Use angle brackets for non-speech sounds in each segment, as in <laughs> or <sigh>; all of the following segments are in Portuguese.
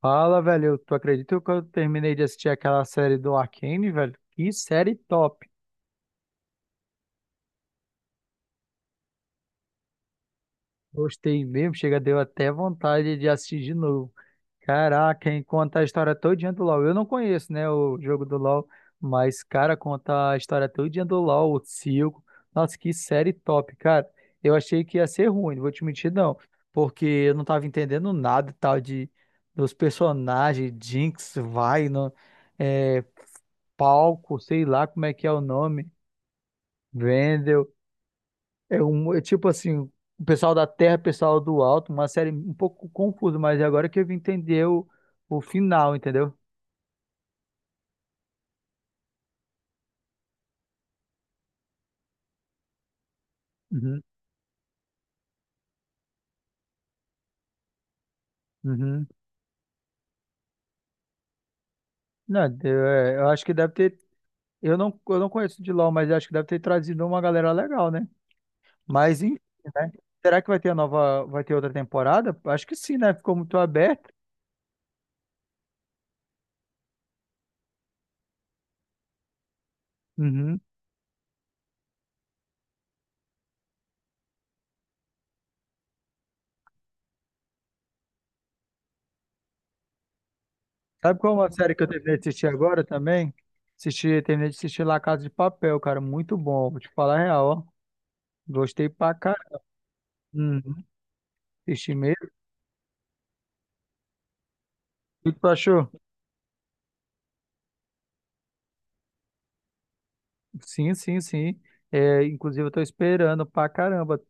Fala, velho. Tu acredita que eu terminei de assistir aquela série do Arcane, velho? Que série top. Gostei mesmo. Chega, deu até vontade de assistir de novo. Caraca, hein? Conta a história todinha do LoL. Eu não conheço, né, o jogo do LoL, mas, cara, conta a história todinha do LoL, o Silco. Nossa, que série top, cara. Eu achei que ia ser ruim, não vou te mentir, não. Porque eu não tava entendendo nada, tal, de, dos personagens, Jinx, Vai, não. Palco, sei lá como é que é o nome, Vendel, é tipo assim, o pessoal da terra, o pessoal do alto, uma série um pouco confusa, mas é agora que eu vim entender o final, entendeu? Uhum, uhum. Não, eu acho que deve ter, eu não conheço de LoL, mas acho que deve ter trazido uma galera legal, né? Mas enfim, né? Será que vai ter a nova, vai ter outra temporada? Acho que sim, né? Ficou muito aberto. Uhum. Sabe qual é uma série que eu terminei de assistir agora também? Assisti, terminei de assistir La Casa de Papel, cara. Muito bom. Vou te falar a real, ó. Gostei pra caramba. Uhum. Assisti mesmo. O que tu achou? Sim, sim, sim. É, inclusive, eu tô esperando pra caramba.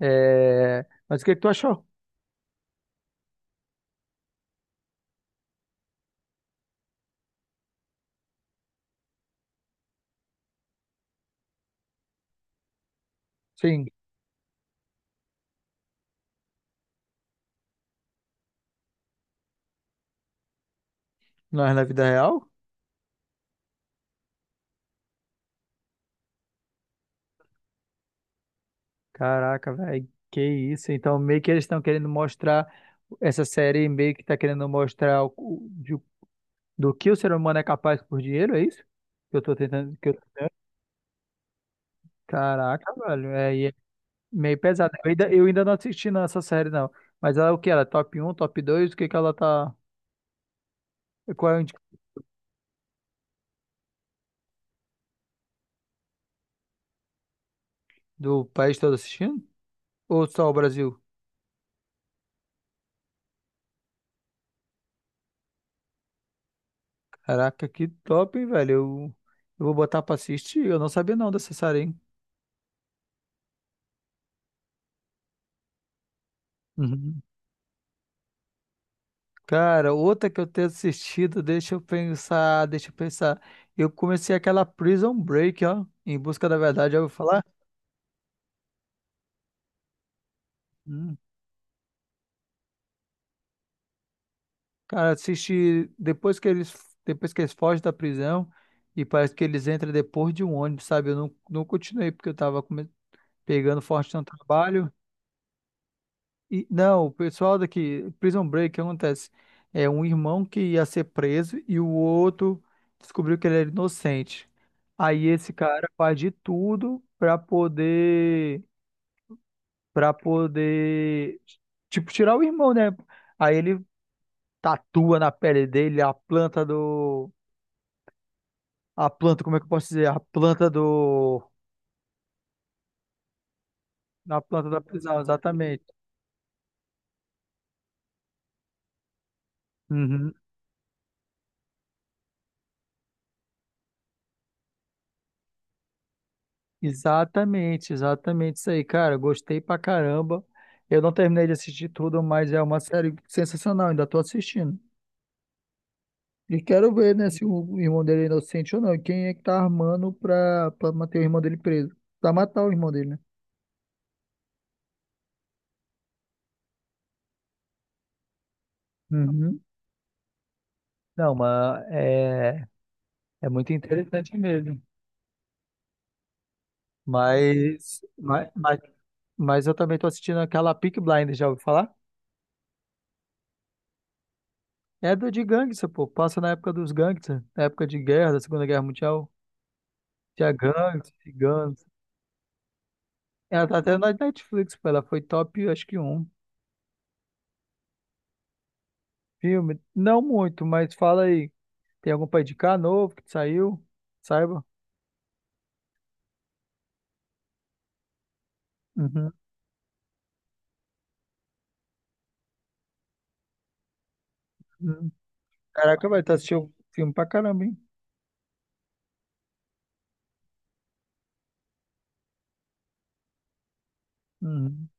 É, mas o que que tu achou? Sim. Não é na vida real? Caraca, velho. Que isso. Então, meio que eles estão querendo mostrar. Essa série meio que tá querendo mostrar do que o ser humano é capaz por dinheiro, é isso? Que eu tô tentando. Que caraca, velho. É, e é meio pesado. Eu ainda não assisti não, essa série, não. Mas ela é o que? Ela é top um, top 2? O que que ela tá. Qual é o indi- Do país todo assistindo? Ou só o Brasil? Caraca, que top, hein, velho. Eu vou botar pra assistir. Eu não sabia não dessa série, hein? Uhum. Cara, outra que eu tenho assistido, deixa eu pensar. Eu comecei aquela Prison Break, ó. Em Busca da Verdade, já ouviu falar? Cara, assisti depois que eles fogem da prisão e parece que eles entram depois de um ônibus, sabe? Eu não, não continuei porque eu tava pegando forte no trabalho. E não, o pessoal daqui, Prison Break, o que acontece? É um irmão que ia ser preso e o outro descobriu que ele era inocente. Aí esse cara faz de tudo pra poder para poder tipo tirar o irmão, né? Aí ele tatua na pele dele a planta, como é que eu posso dizer? A planta do. Na planta da prisão, exatamente. Uhum. Exatamente, exatamente isso aí, cara. Gostei pra caramba. Eu não terminei de assistir tudo, mas é uma série sensacional, ainda tô assistindo. E quero ver, né, se o irmão dele é inocente ou não. E quem é que tá armando pra manter o irmão dele preso? Pra matar o irmão dele, né? Uhum. Não, é muito interessante mesmo. Mas, mas, mas, mas eu também tô assistindo aquela Peaky Blinders, já ouviu falar? É do de gangster, pô. Passa na época dos gangsters, na época de guerra, da Segunda Guerra Mundial. Tinha gangsters, ciganos. Ela tá até na Netflix, pô. Ela foi top, acho que um filme. Não muito, mas fala aí. Tem algum pra indicar novo que saiu? Saiba. Uhum. Uhum. Caraca, vai, estar assistindo filme pra caramba, hein? Uhum.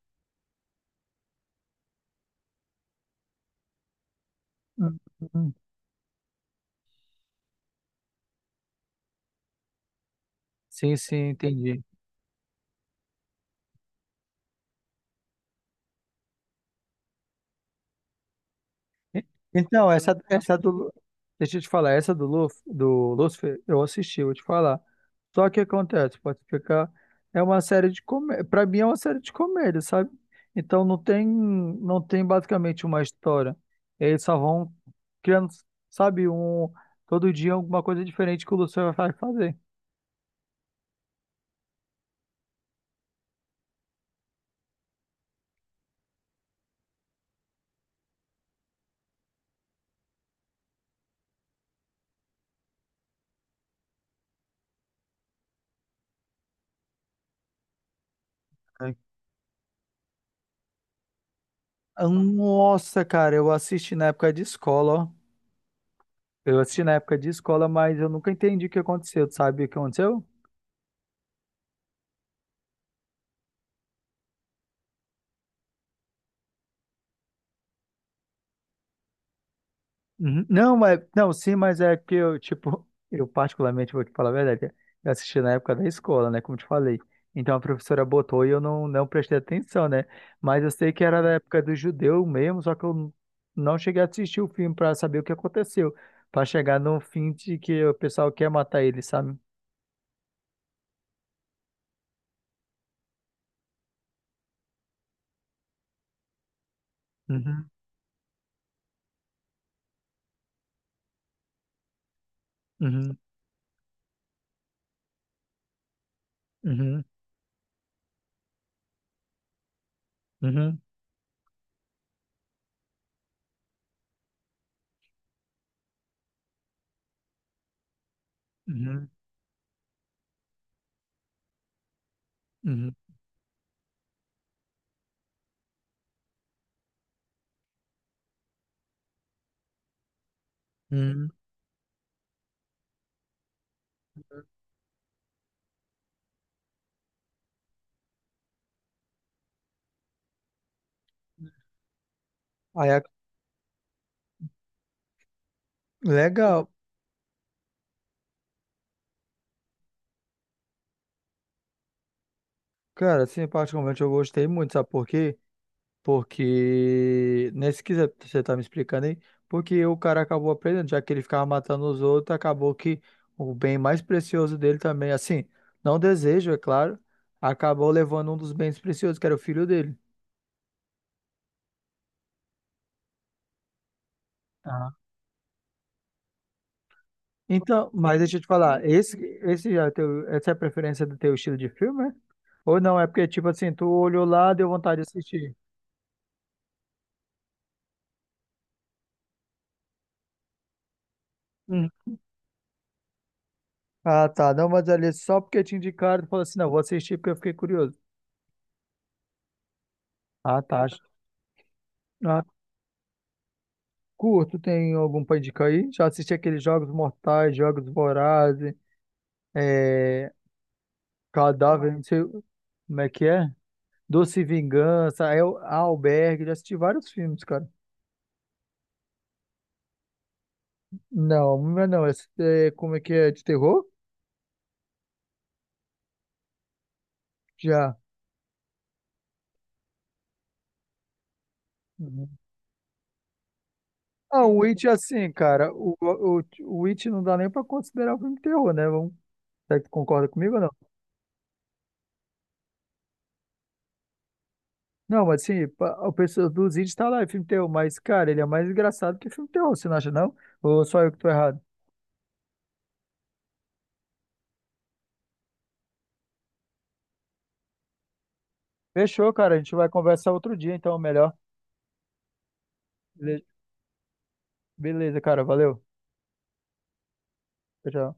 Uhum, uhum. Sim, sim, entendi. E- então, essa do. Deixa eu te falar, essa do, Luf, do Lucifer, eu assisti, eu vou te falar. Só que acontece, pode explicar. É uma série de comédia. Pra mim é uma série de comédia, sabe? Então não tem basicamente uma história. Eles só vão criando, sabe, um. Todo dia alguma coisa diferente que o Lucifer vai fazer. Ah, nossa, cara, eu assisti na época de escola, ó. Eu assisti na época de escola, mas eu nunca entendi o que aconteceu. Tu sabe o que aconteceu? Uhum. Não, mas não, sim, mas é que eu, tipo, <laughs> eu particularmente vou te falar a verdade. Eu assisti na época da escola, né? Como te falei. Então a professora botou e eu não, não prestei atenção, né? Mas eu sei que era da época do judeu mesmo, só que eu não cheguei a assistir o filme pra saber o que aconteceu. Pra chegar no fim de que o pessoal quer matar ele, sabe? Uhum, uhum, uhum, uhum, uhum, uhum, uhum. Aí, é- legal. Cara, assim, particularmente eu gostei muito, sabe por quê? Porque, nesse que você tá me explicando aí, porque o cara acabou aprendendo, já que ele ficava matando os outros, acabou que o bem mais precioso dele também, assim, não desejo, é claro, acabou levando um dos bens preciosos, que era o filho dele. Ah, então, mas deixa eu te falar, esse é teu, essa é a preferência do teu estilo de filme, é? Ou não? É porque, tipo assim, tu olhou lá, deu vontade de assistir. Hum. Ah, tá. Não, mas ali é só porque te indicaram, tu falou assim, não, vou assistir porque eu fiquei curioso. Ah, tá. Ah, curto, tem algum pra indicar aí? Já assisti aqueles Jogos Mortais, Jogos Vorazes, é, Cadáver, não sei como é que é. Doce Vingança, El, Albergue, já assisti vários filmes, cara. Não, não, é não, esse é, como é que é, de terror? Já. Uhum. Ah, o It, assim, cara, o It não dá nem pra considerar um filme de terror, né? Vamos, será que tu concorda comigo ou não? Não, mas assim, pa- o pessoal dos It tá lá, é filme de terror, mas, cara, ele é mais engraçado que filme de terror, você não acha, não? Ou só eu que tô errado? Fechou, cara. A gente vai conversar outro dia, então, melhor. Bele- beleza, cara. Valeu. Tchau. Tchau.